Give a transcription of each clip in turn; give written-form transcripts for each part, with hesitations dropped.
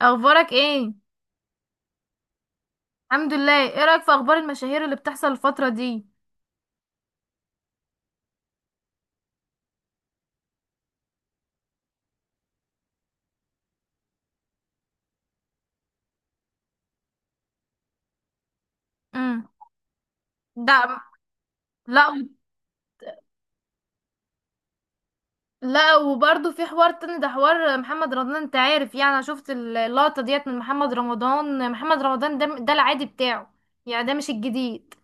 اخبارك ايه؟ الحمد لله. ايه رايك في اخبار المشاهير اللي بتحصل الفتره دي؟ امم ده لا و- لا، وبرضه في حوار تاني، ده حوار محمد رمضان. انت عارف، يعني انا شفت اللقطه ديت من محمد رمضان ده العادي بتاعه، يعني ده مش الجديد.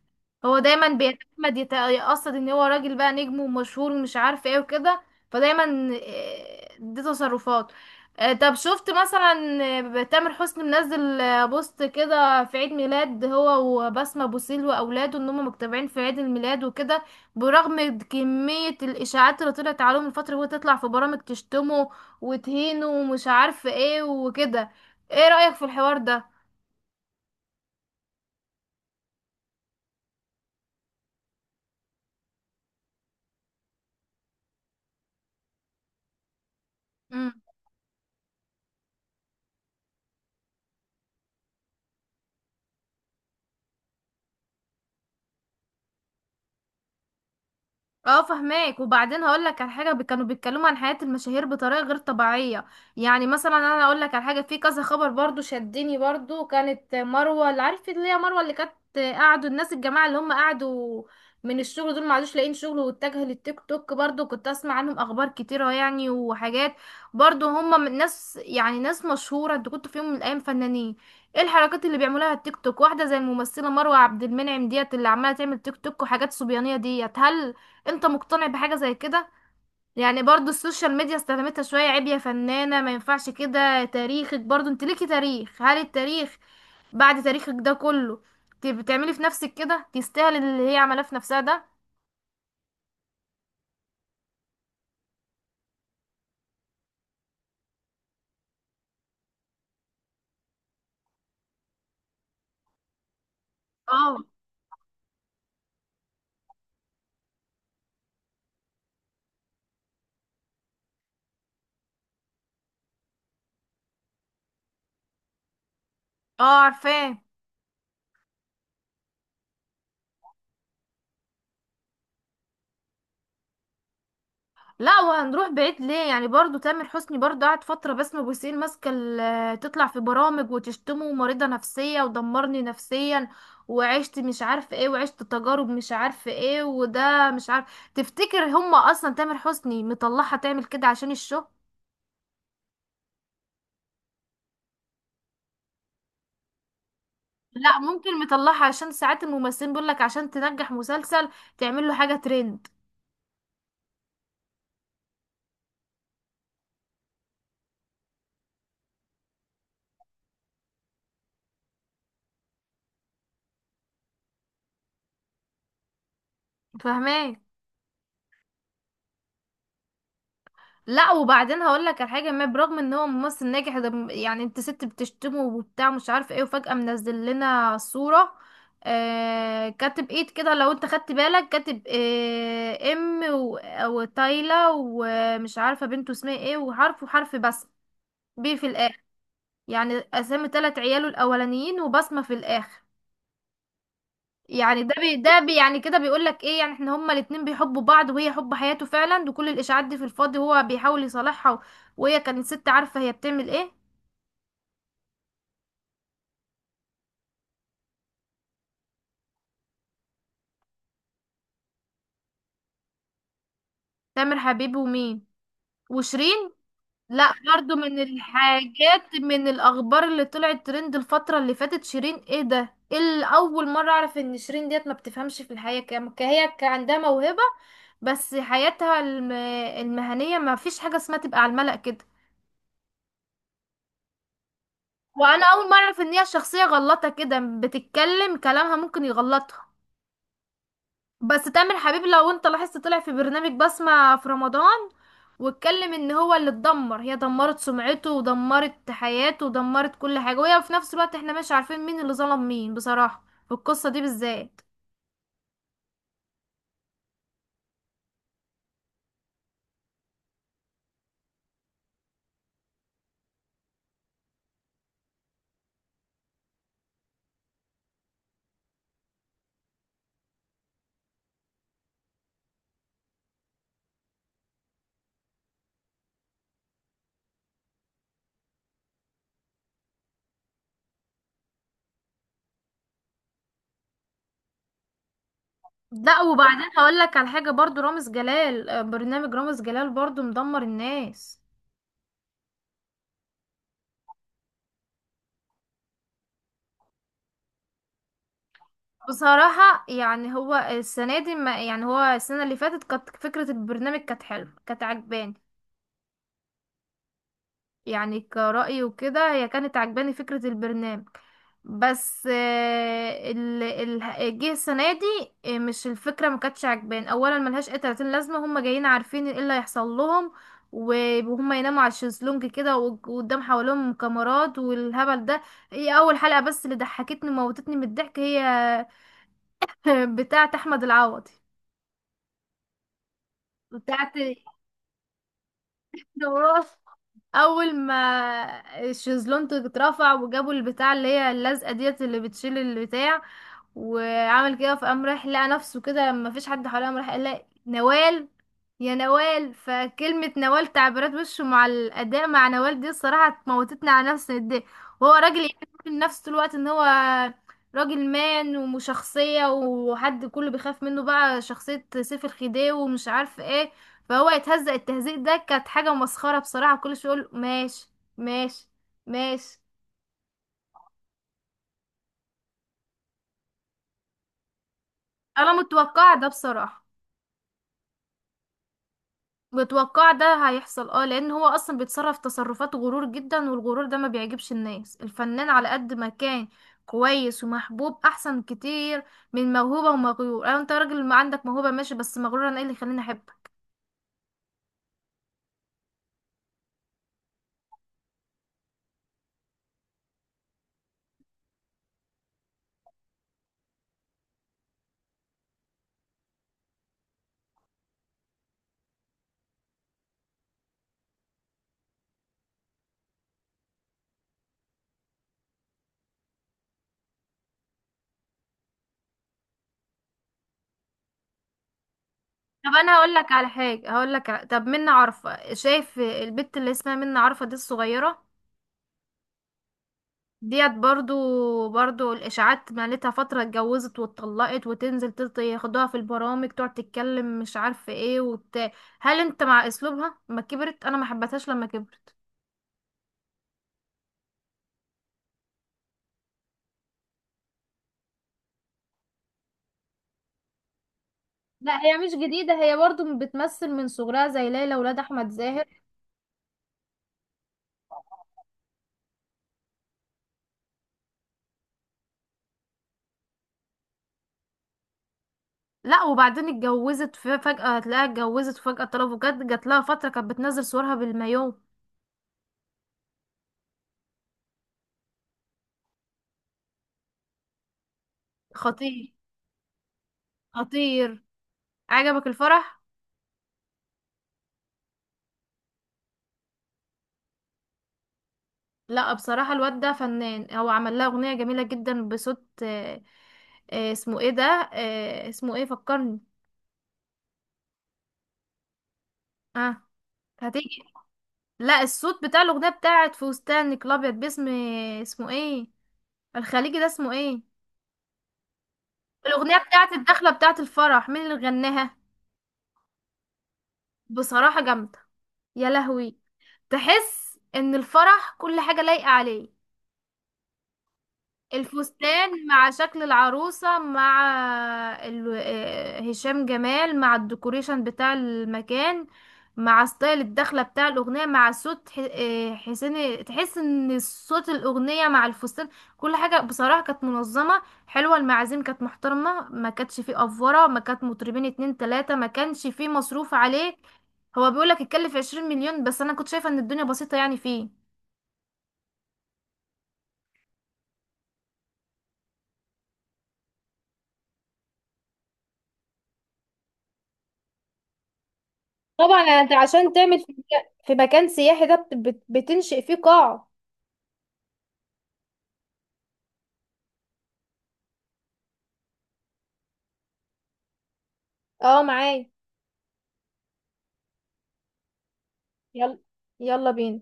هو دايما بيتعمد يتقصد ان هو راجل بقى نجم ومشهور ومش عارف ايه وكده. فدايما دي تصرفات. طب شفت مثلا تامر حسني منزل بوست كده في عيد ميلاد هو وبسمة بوسيل واولاده، ان هم مجتمعين في عيد الميلاد وكده، برغم كمية الاشاعات اللي طلعت عليهم الفترة، وهي تطلع في برامج تشتمه وتهينه ومش عارف ايه وكده. ايه رأيك في الحوار ده؟ اه، فهماك. وبعدين هقول لك على حاجه، كانوا بيتكلموا عن حياه المشاهير بطريقه غير طبيعيه. يعني مثلا انا اقول لك على حاجه، في كذا خبر برضو شدني. برضو كانت مروه، اللي عارف، اللي هي مروه اللي كانت قعدوا الناس، الجماعه اللي هم قعدوا من الشغل دول ما عادوش لاقيين شغل واتجهوا للتيك توك. برضو كنت اسمع عنهم اخبار كتيره يعني وحاجات، برضو هم من ناس، يعني ناس مشهوره. انت كنت في يوم من الايام فنانين. ايه الحركات اللي بيعملوها على التيك توك؟ واحده زي الممثله مروه عبد المنعم ديت، اللي عماله تعمل تيك توك وحاجات صبيانيه ديت. هل انت مقتنع بحاجة زي كده؟ يعني برضو السوشيال ميديا استخدمتها شوية. عيب يا فنانة، ما ينفعش كده. تاريخك، برضو انت ليكي تاريخ. هل التاريخ بعد تاريخك ده كله، بتعملي في نفسك كده؟ تستاهل اللي هي عملاه في نفسها ده. اه اه، عارفاه. لا، وهنروح بعيد ليه؟ يعني برضو تامر حسني، برضو قعد فترة بسمة بوسين ماسكة تطلع في برامج وتشتمه: مريضة نفسية، ودمرني نفسيا، وعشت مش عارف ايه، وعشت تجارب مش عارف ايه، وده مش عارف. تفتكر هما اصلا تامر حسني مطلعها تعمل كده عشان الشو؟ لا، ممكن مطلعها عشان ساعات الممثلين بيقولك عشان تنجح مسلسل تعمل له حاجة ترند. فاهمين. لا، وبعدين هقول لك على حاجه. ما برغم ان هو ممثل ناجح، ده يعني انت ست بتشتمه وبتاع مش عارفه ايه، وفجاه منزل لنا صوره. آه، كاتب ايد كده. لو انت خدت بالك كاتب آه وتايلا ومش عارفه بنته اسمها ايه، وحرف وحرف، بس بي في الاخر. يعني اسامي تلات عياله الاولانيين وبصمه في الاخر. يعني ده بي، ده بي، يعني كده بيقول لك ايه؟ يعني احنا هما الاتنين بيحبوا بعض، وهي حب حياته فعلا، وكل الاشاعات دي في الفاضي، وهو بيحاول يصالحها و- وهي كانت ست عارفه هي بتعمل ايه. تامر حبيب ومين؟ وشيرين. لا، برضه من الحاجات، من الاخبار اللي طلعت ترند الفتره اللي فاتت، شيرين. ايه ده؟ اللي اول مره اعرف ان شيرين ديت ما بتفهمش في الحياه كام. هي كان عندها موهبه، بس حياتها المهنيه ما فيش حاجه اسمها تبقى على الملأ كده. وانا اول مره اعرف ان هي شخصيه غلطه كده، بتتكلم كلامها ممكن يغلطها. بس تامر حبيب، لو انت لاحظت، طلع في برنامج بسمة في رمضان واتكلم ان هو اللي اتدمر، هي دمرت سمعته ودمرت حياته ودمرت كل حاجه، وهي في نفس الوقت. احنا مش عارفين مين اللي ظلم مين بصراحه في القصه دي بالذات. لا، وبعدين هقول لك على حاجه. برضو رامز جلال، برنامج رامز جلال، برضو مدمر الناس. بصراحة يعني هو السنة دي، ما يعني هو السنة اللي فاتت كانت فكرة البرنامج كانت حلوة، كانت عجباني، يعني كرأيي وكده. هي كانت عجباني فكرة البرنامج، بس ال جه السنة دي مش الفكرة، ما كانتش عجباني. أولا ملهاش أي 30 لازمة، هما جايين عارفين ايه اللي هيحصل لهم، و- وهم يناموا على الشезлونج كده، و- وقدام حواليهم كاميرات والهبل ده. هي أول حلقة بس اللي ضحكتني، موتتني من الضحك، هي بتاعة أحمد العوضي، بتاعت وراث. اول ما الشيزلون اترفع، وجابوا البتاع اللي هي اللزقه ديت اللي بتشيل البتاع، وعمل كده، فقام رايح لقى نفسه كده ما فيش حد حواليه، قام راح قال لها: نوال، يا نوال. فكلمة نوال، تعبيرات وشه مع الأداء مع نوال دي، الصراحة موتتني على نفسي من الضحك. وهو راجل يعمل من نفسه طول الوقت ان هو راجل مان وشخصية، وحد كله بيخاف منه، بقى شخصية سيف الخديوي ومش عارف ايه. فهو يتهزق، التهزيق ده كانت حاجة مسخرة بصراحة. كل شوية يقول: ماشي، ماشي، ماشي. انا متوقع ده بصراحة. متوقع ده هيحصل، اه، لان هو اصلا بيتصرف تصرفات غرور جدا. والغرور ده ما بيعجبش الناس. الفنان على قد ما كان كويس ومحبوب احسن كتير من موهوبة ومغيور. أو انت راجل ما عندك موهوبة، ماشي، بس مغرور، انا ايه اللي يخليني احبك؟ طب انا هقول لك على حاجة. طب منى عارفة، شايف البت اللي اسمها منى عارفة دي الصغيرة؟ ديت برضو الاشاعات مالتها فتره. اتجوزت واتطلقت، وتنزل ياخدوها في البرامج تقعد تتكلم مش عارفه ايه وت... هل انت مع اسلوبها ما كبرت؟ انا ما حبتهاش لما كبرت. لا، هي مش جديدة، هي برضو بتمثل من صغرها زي ليلى ولاد أحمد زاهر. لا، وبعدين اتجوزت. فجاه هتلاقيها اتجوزت، وفجاه طلبوا، جات لها فتره كانت بتنزل صورها بالمايو. خطير. خطير. عجبك الفرح؟ لا، بصراحة الواد ده فنان. هو عمل لها أغنية جميلة جدا بصوت اسمه ايه ده؟ اسمه ايه؟ فكرني. اه، هتيجي. لا، الصوت بتاع الأغنية بتاعت فستانك الأبيض، باسم اسمه ايه، الخليجي ده، اسمه ايه؟ الأغنية بتاعت الدخلة بتاعت الفرح، مين اللي غناها؟ بصراحة جامدة. يا لهوي. تحس ان الفرح كل حاجة لايقة عليه. الفستان مع شكل العروسة، مع هشام جمال، مع الديكوريشن بتاع المكان، مع ستايل الدخلة بتاع الأغنية، مع صوت حسين، تحس ان صوت الأغنية مع الفستان، كل حاجة بصراحة كانت منظمة، حلوة. المعازيم كانت محترمة، ما كانتش فيه أفورة، ما كانت مطربين اتنين تلاتة، ما كانش فيه مصروف عليه. هو بيقولك اتكلف 20 مليون، بس أنا كنت شايفة ان الدنيا بسيطة يعني فيه. طبعا، يعني انت عشان تعمل في مكان سياحي ده بتنشئ فيه قاعة. اه، معايا. يلا. يلا بينا.